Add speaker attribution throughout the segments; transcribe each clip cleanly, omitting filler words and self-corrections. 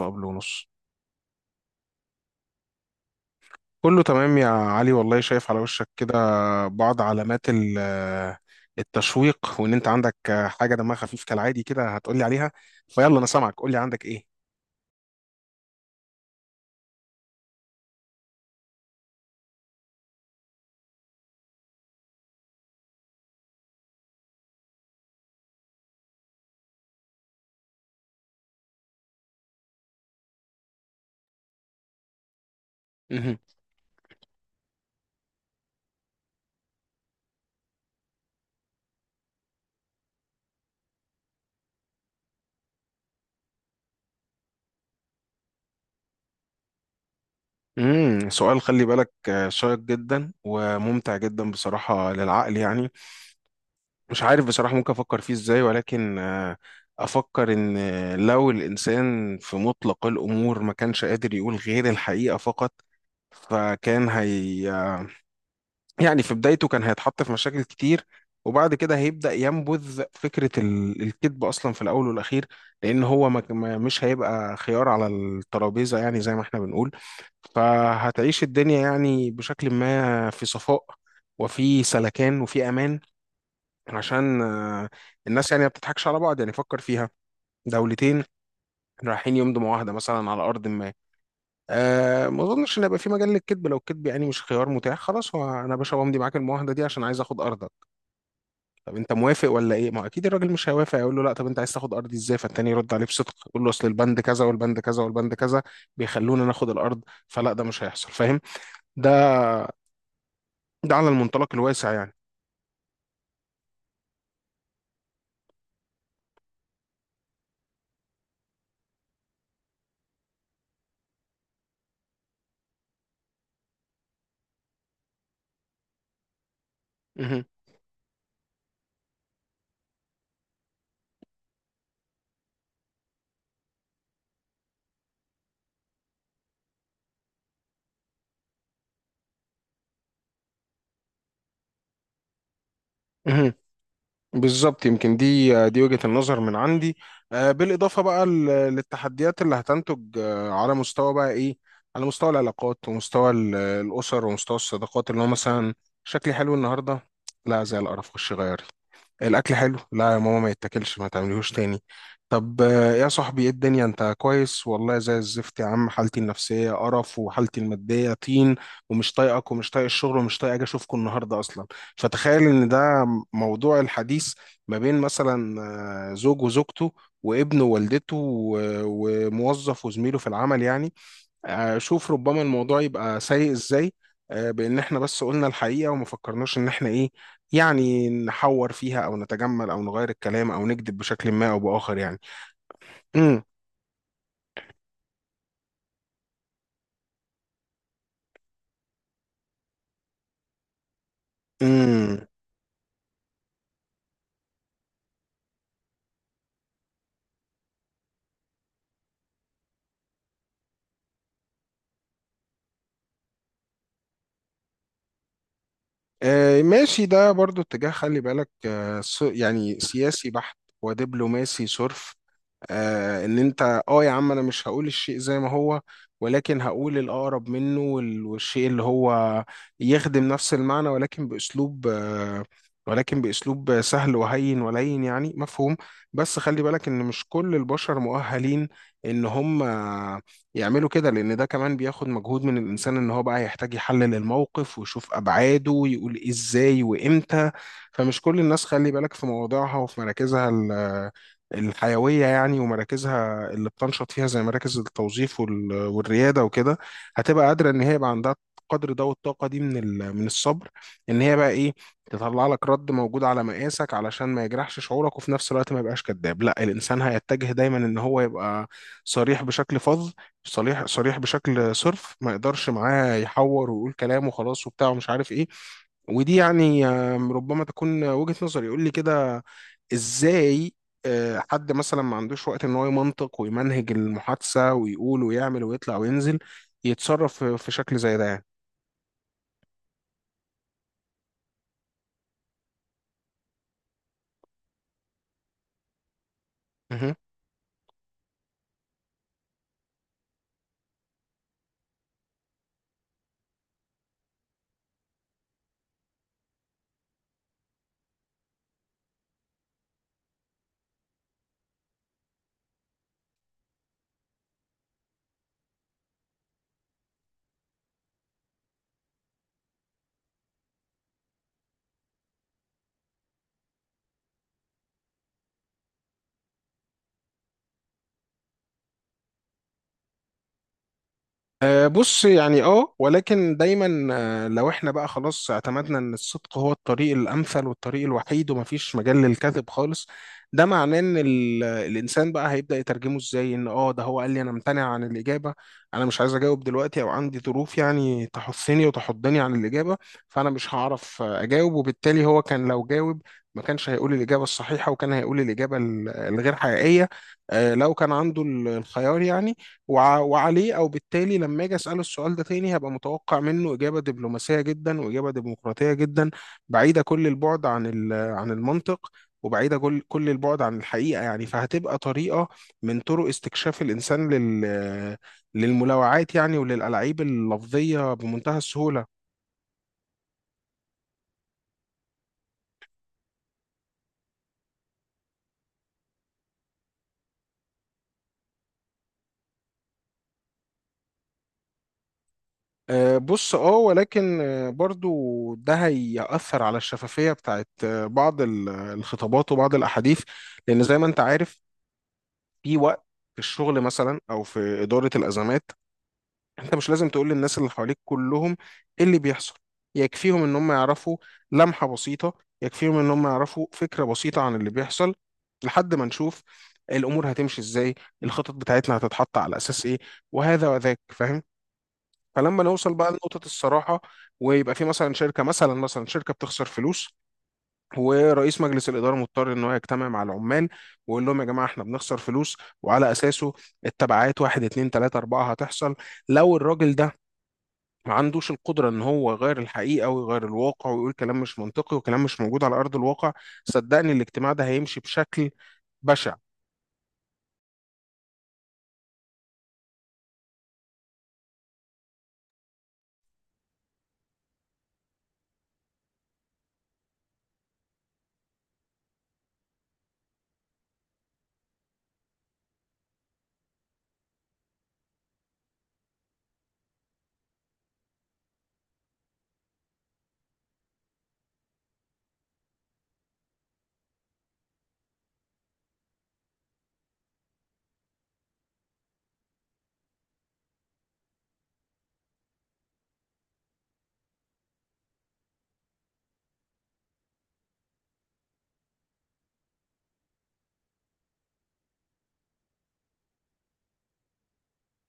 Speaker 1: وقبل ونص، كله تمام يا علي. والله شايف على وشك كده بعض علامات التشويق، وان انت عندك حاجه دمها خفيف كالعادي كده هتقولي عليها. فيلا، انا سامعك، قولي عندك ايه؟ مهم. سؤال خلي بالك شيق جدا وممتع جدا بصراحه للعقل يعني. مش عارف بصراحه ممكن افكر فيه ازاي، ولكن افكر ان لو الانسان في مطلق الامور ما كانش قادر يقول غير الحقيقه فقط، فكان هي يعني في بدايته كان هيتحط في مشاكل كتير، وبعد كده هيبدأ ينبذ فكرة الكذب أصلا في الأول والأخير. لأن هو مش هيبقى خيار على الترابيزة يعني زي ما احنا بنقول، فهتعيش الدنيا يعني بشكل ما في صفاء، وفي سلكان، وفي أمان، عشان الناس يعني ما بتضحكش على بعض يعني. فكر فيها، دولتين رايحين يمضوا معاهدة مثلا على أرض ما. ما أظنش إن هيبقى في مجال للكذب لو الكذب يعني مش خيار متاح. خلاص، هو أنا يا باشا بمضي معاك المعاهدة دي عشان عايز آخد أرضك؟ طب انت موافق ولا ايه؟ ما هو اكيد الراجل مش هيوافق، يقول له لا طب انت عايز تاخد ارضي ازاي؟ فالتاني يرد عليه بصدق، يقول له اصل البند كذا والبند كذا والبند كذا بيخلونا ناخد الارض. فلا، ده مش هيحصل فاهم. ده ده على المنطلق الواسع يعني. مهم. مهم. بالظبط، يمكن دي وجهة النظر من عندي. بالإضافة بقى للتحديات اللي هتنتج على مستوى بقى إيه، على مستوى العلاقات ومستوى الأسر ومستوى الصداقات، اللي هو مثلا: شكلي حلو النهاردة؟ لا زي القرف، خش غيري. الاكل حلو؟ لا يا ماما ما يتاكلش، ما تعمليهوش تاني. طب يا صاحبي ايه الدنيا انت كويس؟ والله زي الزفت يا عم، حالتي النفسيه قرف وحالتي الماديه طين، ومش طايقك ومش طايق الشغل ومش طايق اجي اشوفكم النهارده اصلا. فتخيل ان ده موضوع الحديث ما بين مثلا زوج وزوجته، وابن ووالدته، وموظف وزميله في العمل يعني. شوف ربما الموضوع يبقى سيء ازاي بان احنا بس قلنا الحقيقه وما فكرناش ان احنا ايه، يعني نحور فيها او نتجمل او نغير الكلام او نكذب بشكل ما او باخر يعني. امم. امم. ماشي، ده برضو اتجاه خلي بالك يعني سياسي بحت ودبلوماسي صرف. ان انت يا عم انا مش هقول الشيء زي ما هو، ولكن هقول الاقرب منه والشيء اللي هو يخدم نفس المعنى، ولكن باسلوب ولكن باسلوب سهل وهين ولين يعني مفهوم. بس خلي بالك ان مش كل البشر مؤهلين ان هم يعملوا كده، لان ده كمان بياخد مجهود من الانسان، ان هو بقى يحتاج يحلل الموقف ويشوف ابعاده ويقول ازاي وامتى. فمش كل الناس خلي بالك في مواضيعها وفي مراكزها الحيوية يعني ومراكزها اللي بتنشط فيها زي مراكز التوظيف والريادة وكده، هتبقى قادرة إن هي يبقى عندها قدر ده والطاقة دي من من الصبر، إن هي بقى إيه، تطلع لك رد موجود على مقاسك علشان ما يجرحش شعورك وفي نفس الوقت ما يبقاش كذاب. لا الإنسان هيتجه دايما إن هو يبقى صريح بشكل فظ، صريح صريح بشكل صرف، ما يقدرش معاه يحور ويقول كلام وخلاص وبتاع ومش عارف إيه. ودي يعني ربما تكون وجهة نظري. يقول لي كده ازاي؟ حد مثلا ما عندوش وقت ان هو يمنطق ويمنهج المحادثة ويقول ويعمل ويطلع وينزل يتصرف في شكل زي ده يعني. بص يعني ولكن دايما، لو احنا بقى خلاص اعتمدنا ان الصدق هو الطريق الامثل والطريق الوحيد ومفيش مجال للكذب خالص، ده معناه ان الانسان بقى هيبدأ يترجمه ازاي؟ ان ده هو قال لي انا ممتنع عن الاجابة، انا مش عايز اجاوب دلوقتي، او عندي ظروف يعني تحثني وتحضني عن الاجابة. فانا مش هعرف اجاوب. وبالتالي هو كان لو جاوب، ما كانش هيقول الإجابة الصحيحة، وكان هيقول الإجابة الغير حقيقية. لو كان عنده الخيار يعني، وعليه او بالتالي لما اجي اساله السؤال ده تاني هبقى متوقع منه اجابه دبلوماسيه جدا واجابه ديمقراطيه جدا، بعيده كل البعد عن عن المنطق، وبعيده كل البعد عن الحقيقه يعني. فهتبقى طريقه من طرق استكشاف الانسان للملاوعات يعني وللالعاب اللفظيه بمنتهى السهوله. بص ولكن برضو ده هيأثر على الشفافية بتاعت بعض الخطابات وبعض الأحاديث. لأن زي ما أنت عارف، في وقت في الشغل مثلا او في اداره الازمات، انت مش لازم تقول للناس اللي حواليك كلهم ايه اللي بيحصل. يكفيهم ان هم يعرفوا لمحه بسيطه، يكفيهم ان هم يعرفوا فكره بسيطه عن اللي بيحصل لحد ما نشوف الامور هتمشي ازاي، الخطط بتاعتنا هتتحط على اساس ايه، وهذا وذاك فاهم. فلما نوصل بقى لنقطه الصراحه، ويبقى في مثلا شركه، مثلا شركه بتخسر فلوس، ورئيس مجلس الاداره مضطر ان هو يجتمع مع العمال ويقول لهم يا جماعه احنا بنخسر فلوس، وعلى اساسه التبعات واحد اتنين تلاته اربعه هتحصل. لو الراجل ده ما عندوش القدره ان هو يغير الحقيقه ويغير الواقع ويقول كلام مش منطقي وكلام مش موجود على ارض الواقع، صدقني الاجتماع ده هيمشي بشكل بشع.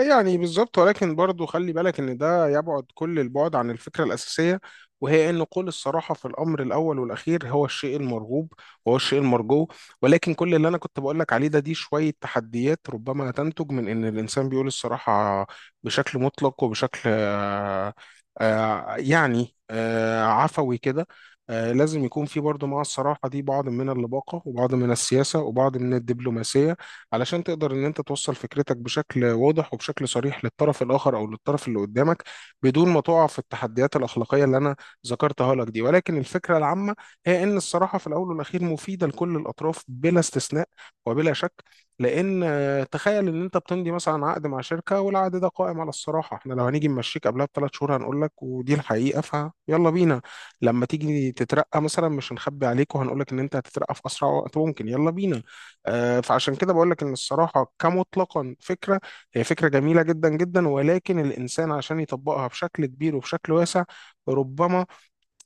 Speaker 1: يعني بالظبط، ولكن برضه خلي بالك ان ده يبعد كل البعد عن الفكره الاساسيه، وهي ان قول الصراحه في الامر الاول والاخير هو الشيء المرغوب، وهو الشيء المرجو. ولكن كل اللي انا كنت بقول لك عليه ده، دي شويه تحديات ربما تنتج من ان الانسان بيقول الصراحه بشكل مطلق وبشكل عفوي كده. لازم يكون في برضه مع الصراحة دي بعض من اللباقة وبعض من السياسة وبعض من الدبلوماسية، علشان تقدر ان انت توصل فكرتك بشكل واضح وبشكل صريح للطرف الاخر او للطرف اللي قدامك، بدون ما تقع في التحديات الاخلاقيه اللي انا ذكرتها لك دي. ولكن الفكره العامه هي ان الصراحه في الاول والاخير مفيده لكل الاطراف بلا استثناء وبلا شك، لان تخيل ان انت بتمضي مثلا عقد مع شركه والعقد ده قائم على الصراحه، احنا لو هنيجي نمشيك قبلها ب3 شهور هنقول لك، ودي الحقيقه فيلا بينا. لما تيجي تترقى مثلا مش هنخبي عليك وهنقول لك ان انت هتترقى في اسرع وقت ممكن، يلا بينا. فعشان كده بقول لك ان الصراحه كمطلقا فكره، هي فكره جميله جدا جدا. ولكن الانسان عشان يطبقها بشكل كبير وبشكل واسع، ربما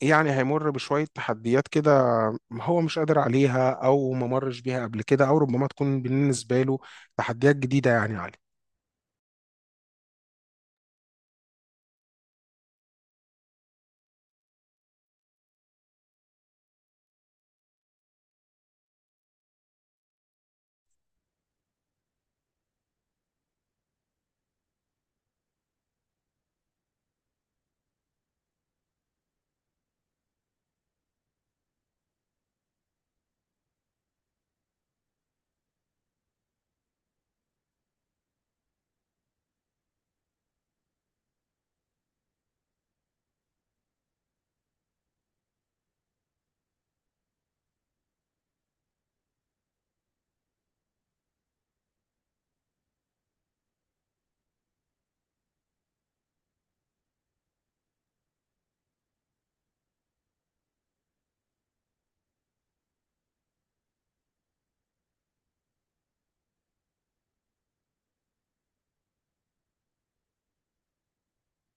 Speaker 1: يعني هيمر بشويه تحديات كده، هو مش قادر عليها او ما مرش بيها قبل كده، او ربما تكون بالنسبه له تحديات جديده يعني عليه.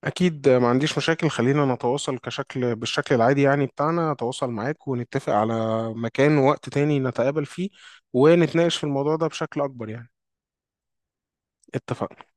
Speaker 1: اكيد، ما عنديش مشاكل. خلينا نتواصل كشكل بالشكل العادي يعني بتاعنا، اتواصل معاك ونتفق على مكان ووقت تاني نتقابل فيه، ونتناقش في الموضوع ده بشكل اكبر يعني. اتفقنا.